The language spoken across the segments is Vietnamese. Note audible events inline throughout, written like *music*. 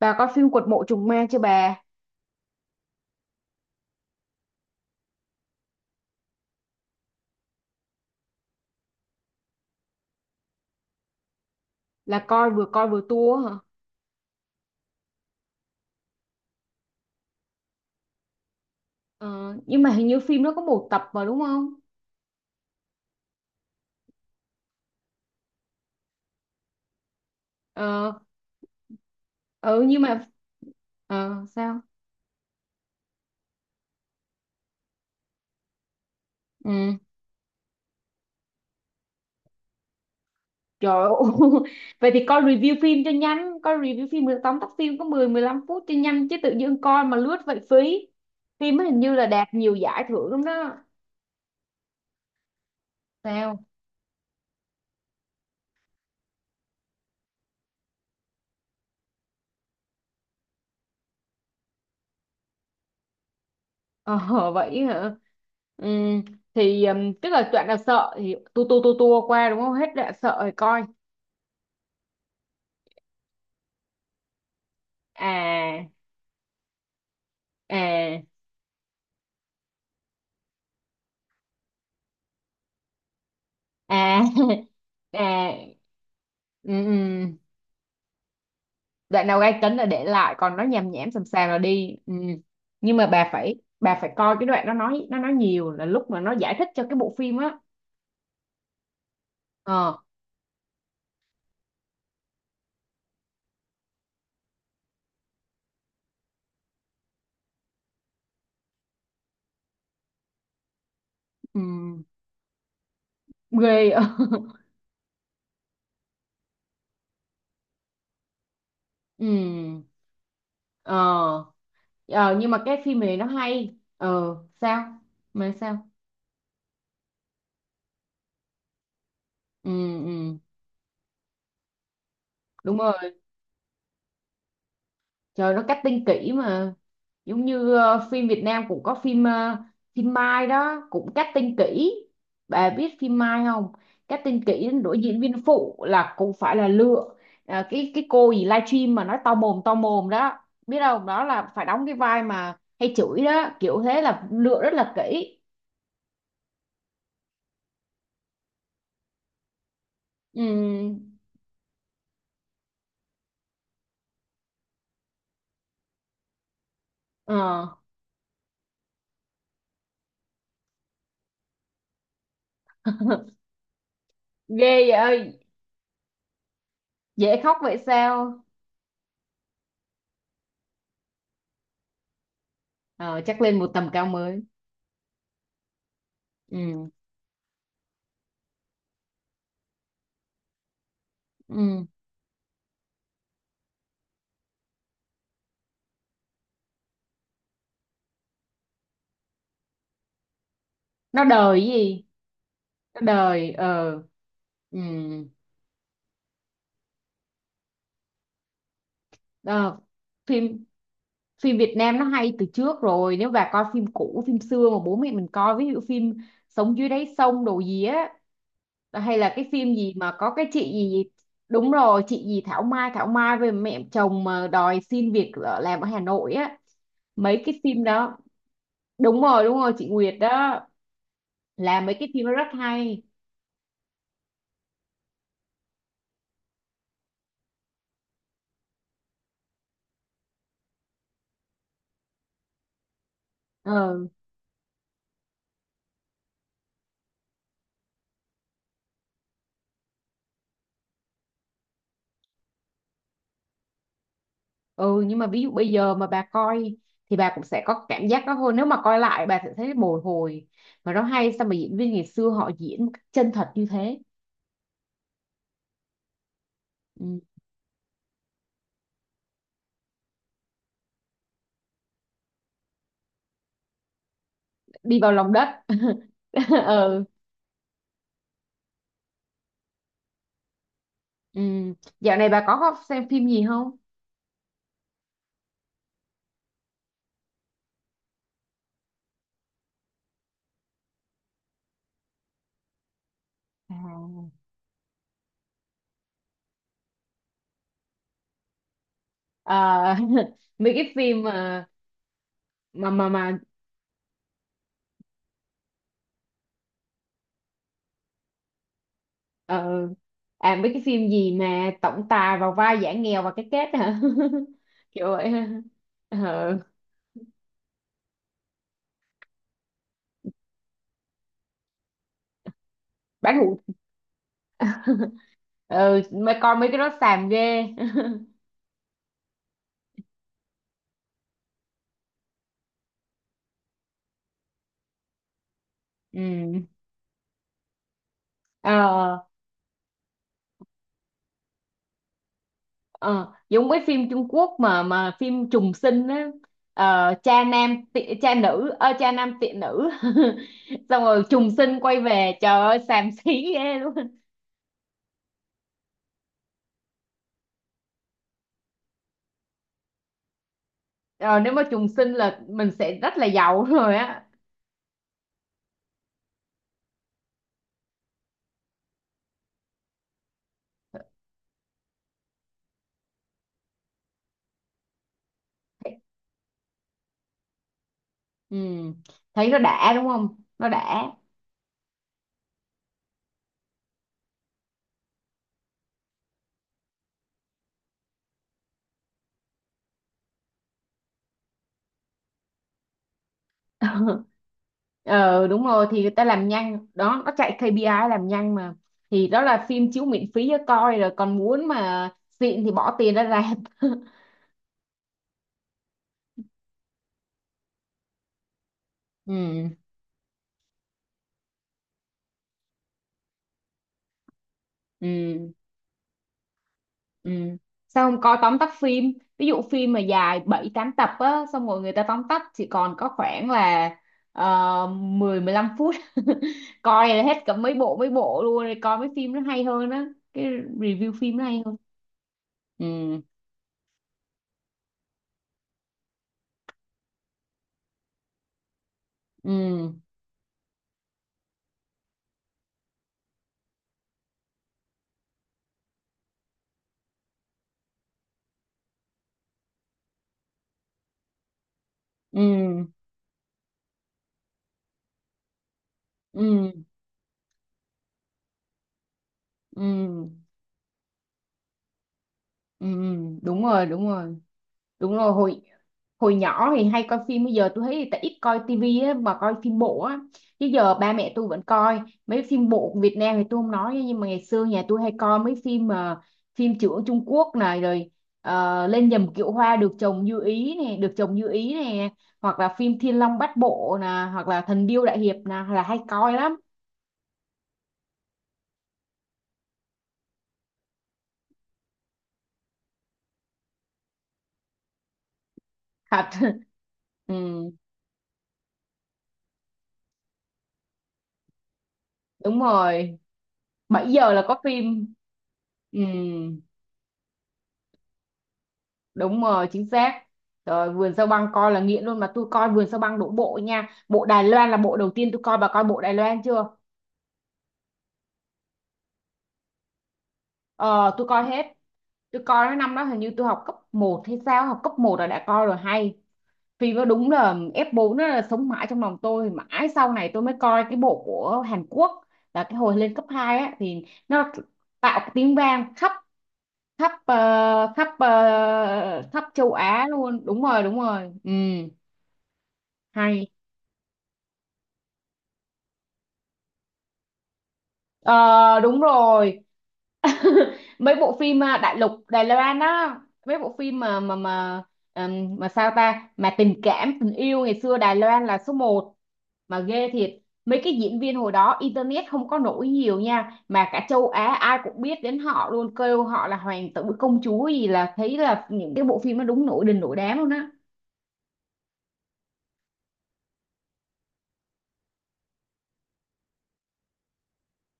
Bà coi phim Quật mộ trùng ma chưa bà? Là coi vừa tua hả? Ờ, nhưng mà hình như phim nó có một tập mà đúng không? Ờ, ừ, nhưng mà sao? Ừ, trời ơi. *laughs* Vậy thì coi review phim cho nhanh, coi review phim 10 tóm tắt phim có mười mười lăm phút cho nhanh chứ tự nhiên coi mà lướt vậy phí. Phim nó hình như là đạt nhiều giải thưởng lắm đó. Sao? Ờ, *laughs* vậy hả? Ừ, thì tức là đoạn nào sợ thì tua tua tua tua qua đúng không? Hết đoạn sợ rồi coi. À, à, à, *laughs* à, ừ, ừ. Đoạn nào gai cấn là để lại, còn nó nhàm nhảm sầm sàm là đi, ừ. Nhưng mà bà phải coi cái đoạn nó nói nhiều là lúc mà nó giải thích cho cái bộ phim á. Ờ, ừ. Ghê á. *laughs* Ừ. Ờ, ờ, nhưng mà cái phim này nó hay. Ờ sao mà sao, ừ, ừ. Đúng rồi, trời nó cutting kỹ mà. Giống như ờ, phim Việt Nam cũng có phim ờ, phim Mai đó cũng cutting kỹ. Bà biết phim Mai không? Cutting kỹ đến nỗi diễn viên phụ là cũng phải là lựa. À, cái cô gì livestream mà nói to mồm đó, biết không, đó là phải đóng cái vai mà hay chửi đó, kiểu thế là lựa rất là kỹ. Ừ. Ờ, *laughs* ghê vậy. Dễ khóc vậy sao? Ờ, chắc lên một tầm cao mới. Ừ. Ừ, nó đời gì? Đời ờ, ừ. Ờ, phim phim Việt Nam nó hay từ trước rồi, nếu bà coi phim cũ phim xưa mà bố mẹ mình coi, ví dụ phim Sống dưới đáy sông đồ gì á, hay là cái phim gì mà có cái chị gì. Đúng rồi, chị gì Thảo Mai, Thảo Mai về mẹ chồng mà đòi xin việc ở, làm ở Hà Nội á, mấy cái phim đó. Đúng rồi, đúng rồi, chị Nguyệt đó. Là mấy cái phim đó rất hay. Ờ. Ừ, nhưng mà ví dụ bây giờ mà bà coi thì bà cũng sẽ có cảm giác đó thôi, nếu mà coi lại bà sẽ thấy bồi hồi. Mà nó hay sao mà diễn viên ngày xưa họ diễn một cách chân thật như thế. Ừ. Đi vào lòng đất. *laughs* Ừ. Ừ, dạo này bà có xem phim gì không? À, ờ, *laughs* mấy cái phim mà mà mà mà ờ, à mấy cái phim gì mà tổng tài vào vai giả nghèo và cái kết hả? *laughs* Kiểu vậy ha. Ờ. Bán hủ. *laughs* Ừ, mấy coi mấy cái đó xàm ghê. *laughs* Ừ. Ờ, ờ, giống cái phim Trung Quốc mà phim trùng sinh á. Ờ, cha nam tị, cha nữ ơ cha nam tiện nữ *laughs* xong rồi trùng sinh quay về, trời ơi xàm xí ghê luôn. Ờ, nếu mà trùng sinh là mình sẽ rất là giàu *laughs* rồi á. Ừ, thấy nó đã đúng không, nó đã. *laughs* Ờ, đúng rồi thì người ta làm nhanh đó, nó chạy ca pê i làm nhanh mà. Thì đó là phim chiếu miễn phí cho coi rồi, còn muốn mà xịn thì bỏ tiền ra rạp. *laughs* Ừ. Ừ. Ừ, sao không coi tóm tắt phim, ví dụ phim mà dài 7 8 tập á xong rồi người ta tóm tắt chỉ còn có khoảng là 10 15 phút. *laughs* Coi là hết cả mấy bộ luôn, rồi coi mấy phim nó hay hơn á. Cái review phim nó hay hơn. Ừ. Ừ. Ừ. Ừ. Ừ, ừ, ừ, đúng rồi, đúng rồi. Đúng rồi, hồi hồi nhỏ thì hay coi phim, bây giờ tôi thấy tại ít coi tivi á mà coi phim bộ á. Chứ giờ ba mẹ tôi vẫn coi mấy phim bộ của Việt Nam thì tôi không nói, nhưng mà ngày xưa nhà tôi hay coi mấy phim mà phim trưởng Trung Quốc này, rồi ờ, lên nhầm kiệu hoa được chồng như ý này, được chồng như ý này, hoặc là phim Thiên Long Bát Bộ nè, hoặc là Thần Điêu Đại Hiệp nè là hay coi lắm. Thật. *laughs* Ừ, đúng rồi, 7 giờ là có phim. Ừ, đúng rồi chính xác. Rồi vườn sao băng coi là nghiện luôn, mà tôi coi vườn sao băng đổ bộ nha, bộ Đài Loan là bộ đầu tiên tôi coi, bà coi bộ Đài Loan chưa? Ờ, tôi coi hết. Tôi coi cái năm đó hình như tôi học cấp một hay sao, học cấp một là đã coi rồi hay. Phim nó đúng là ép 4, nó là sống mãi trong lòng tôi mãi, sau này tôi mới coi cái bộ của Hàn Quốc, là cái hồi lên cấp 2 á, thì nó tạo cái tiếng vang khắp khắp ờ, khắp ờ, khắp châu Á luôn, đúng rồi đúng rồi, ừ. Hay. Ờ đúng rồi. *laughs* Mấy bộ phim à, đại lục Đài Loan á, mấy bộ phim mà mà sao ta mà tình cảm tình yêu ngày xưa Đài Loan là số một, mà ghê thiệt. Mấy cái diễn viên hồi đó internet không có nổi nhiều nha, mà cả châu Á ai cũng biết đến họ luôn, kêu họ là hoàng tử công chúa gì, là thấy là những cái bộ phim nó đúng nổi đình nổi đám luôn á.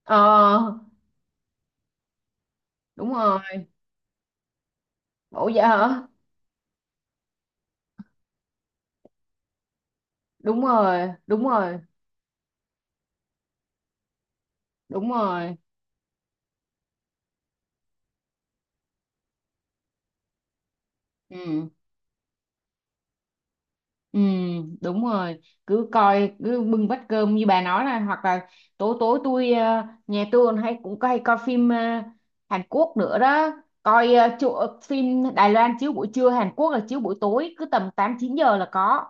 Ờ đúng rồi. Ủa vậy hả? Đúng rồi, đúng rồi. Đúng rồi, đúng rồi. Ừ. Ừ, đúng rồi, cứ coi cứ bưng bát cơm như bà nói, là hoặc là tối tối tôi ờ, nhà tôi còn hay cũng hay coi phim ờ, Hàn Quốc nữa đó. Coi ờ, chỗ, ờ, phim Đài Loan chiếu buổi trưa, Hàn Quốc là chiếu buổi tối, cứ tầm 8 9 giờ là có.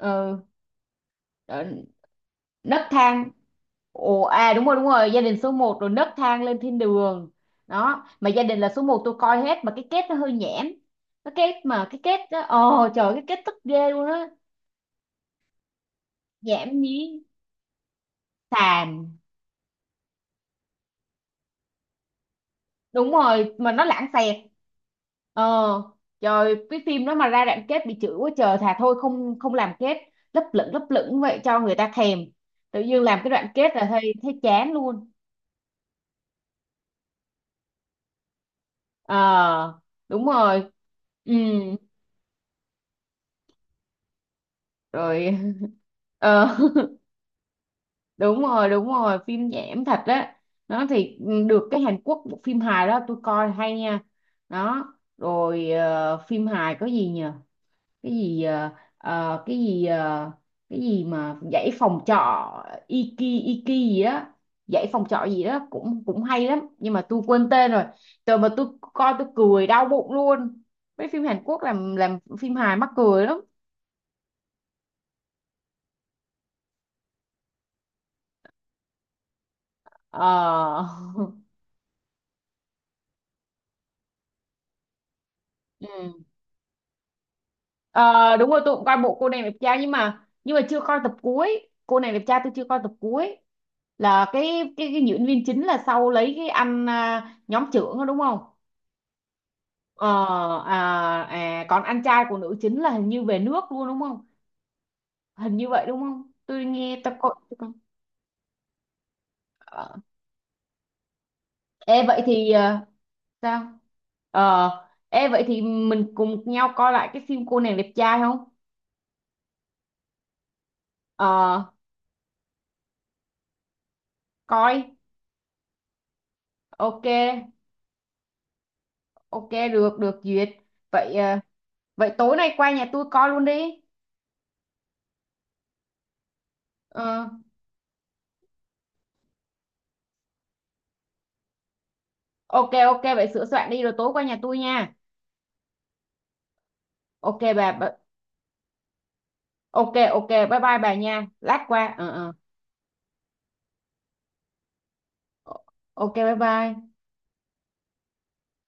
Ừ, ờ, nấc thang. Ồ à, đúng rồi đúng rồi, gia đình số một, rồi nấc thang lên thiên đường. Đó, mà gia đình là số một tôi coi hết mà cái kết nó hơi nhảm. Cái kết mà cái kết đó, ồ trời cái kết tức ghê luôn á. Nhảm nhí. Xàm. Đúng rồi, mà nó lãng xẹt. Ờ, trời cái phim đó mà ra đoạn kết bị chửi quá trời, thà thôi không không làm kết, lấp lửng vậy cho người ta thèm, tự nhiên làm cái đoạn kết là thấy thấy chán luôn. Ờ, đúng rồi. Ừ. Rồi. *laughs* Ờ. *laughs* Đúng rồi đúng rồi, phim nhảm thật á. Nó thì ừ, được cái Hàn Quốc bộ phim hài đó tôi coi hay nha. Đó, rồi ờ, phim hài có gì nhỉ? Cái gì ờ, ờ, cái gì mà dãy phòng trọ, Iki, Iki gì đó, dãy phòng trọ gì đó cũng cũng hay lắm nhưng mà tôi quên tên rồi. Trời mà tôi coi tôi cười đau bụng luôn. Mấy phim Hàn Quốc làm phim hài mắc cười lắm. Ờ. *laughs* Ừ. Ờ, đúng rồi tôi cũng coi bộ cô nàng đẹp trai, nhưng mà chưa coi tập cuối, cô nàng đẹp trai tôi chưa coi tập cuối, là cái diễn viên chính là sau lấy cái anh à, nhóm trưởng đó đúng không? Ờ, à, à, còn anh trai của nữ chính là hình như về nước luôn đúng không? Hình như vậy đúng không? Tôi nghe tôi có. Tôi có- Ờ. Ê vậy thì ờ, sao? Ờ, ê vậy thì mình cùng nhau coi lại cái phim cô nàng đẹp trai không? Ờ, coi. Ok, ok được được duyệt. Vậy ờ, vậy tối nay qua nhà tôi coi luôn đi. Ờ, ok ok vậy sửa soạn đi rồi tối qua nhà tôi nha. Ok bà ok ok bye bye bà nha. Lát qua. Ờ ờ. Ok bye bye.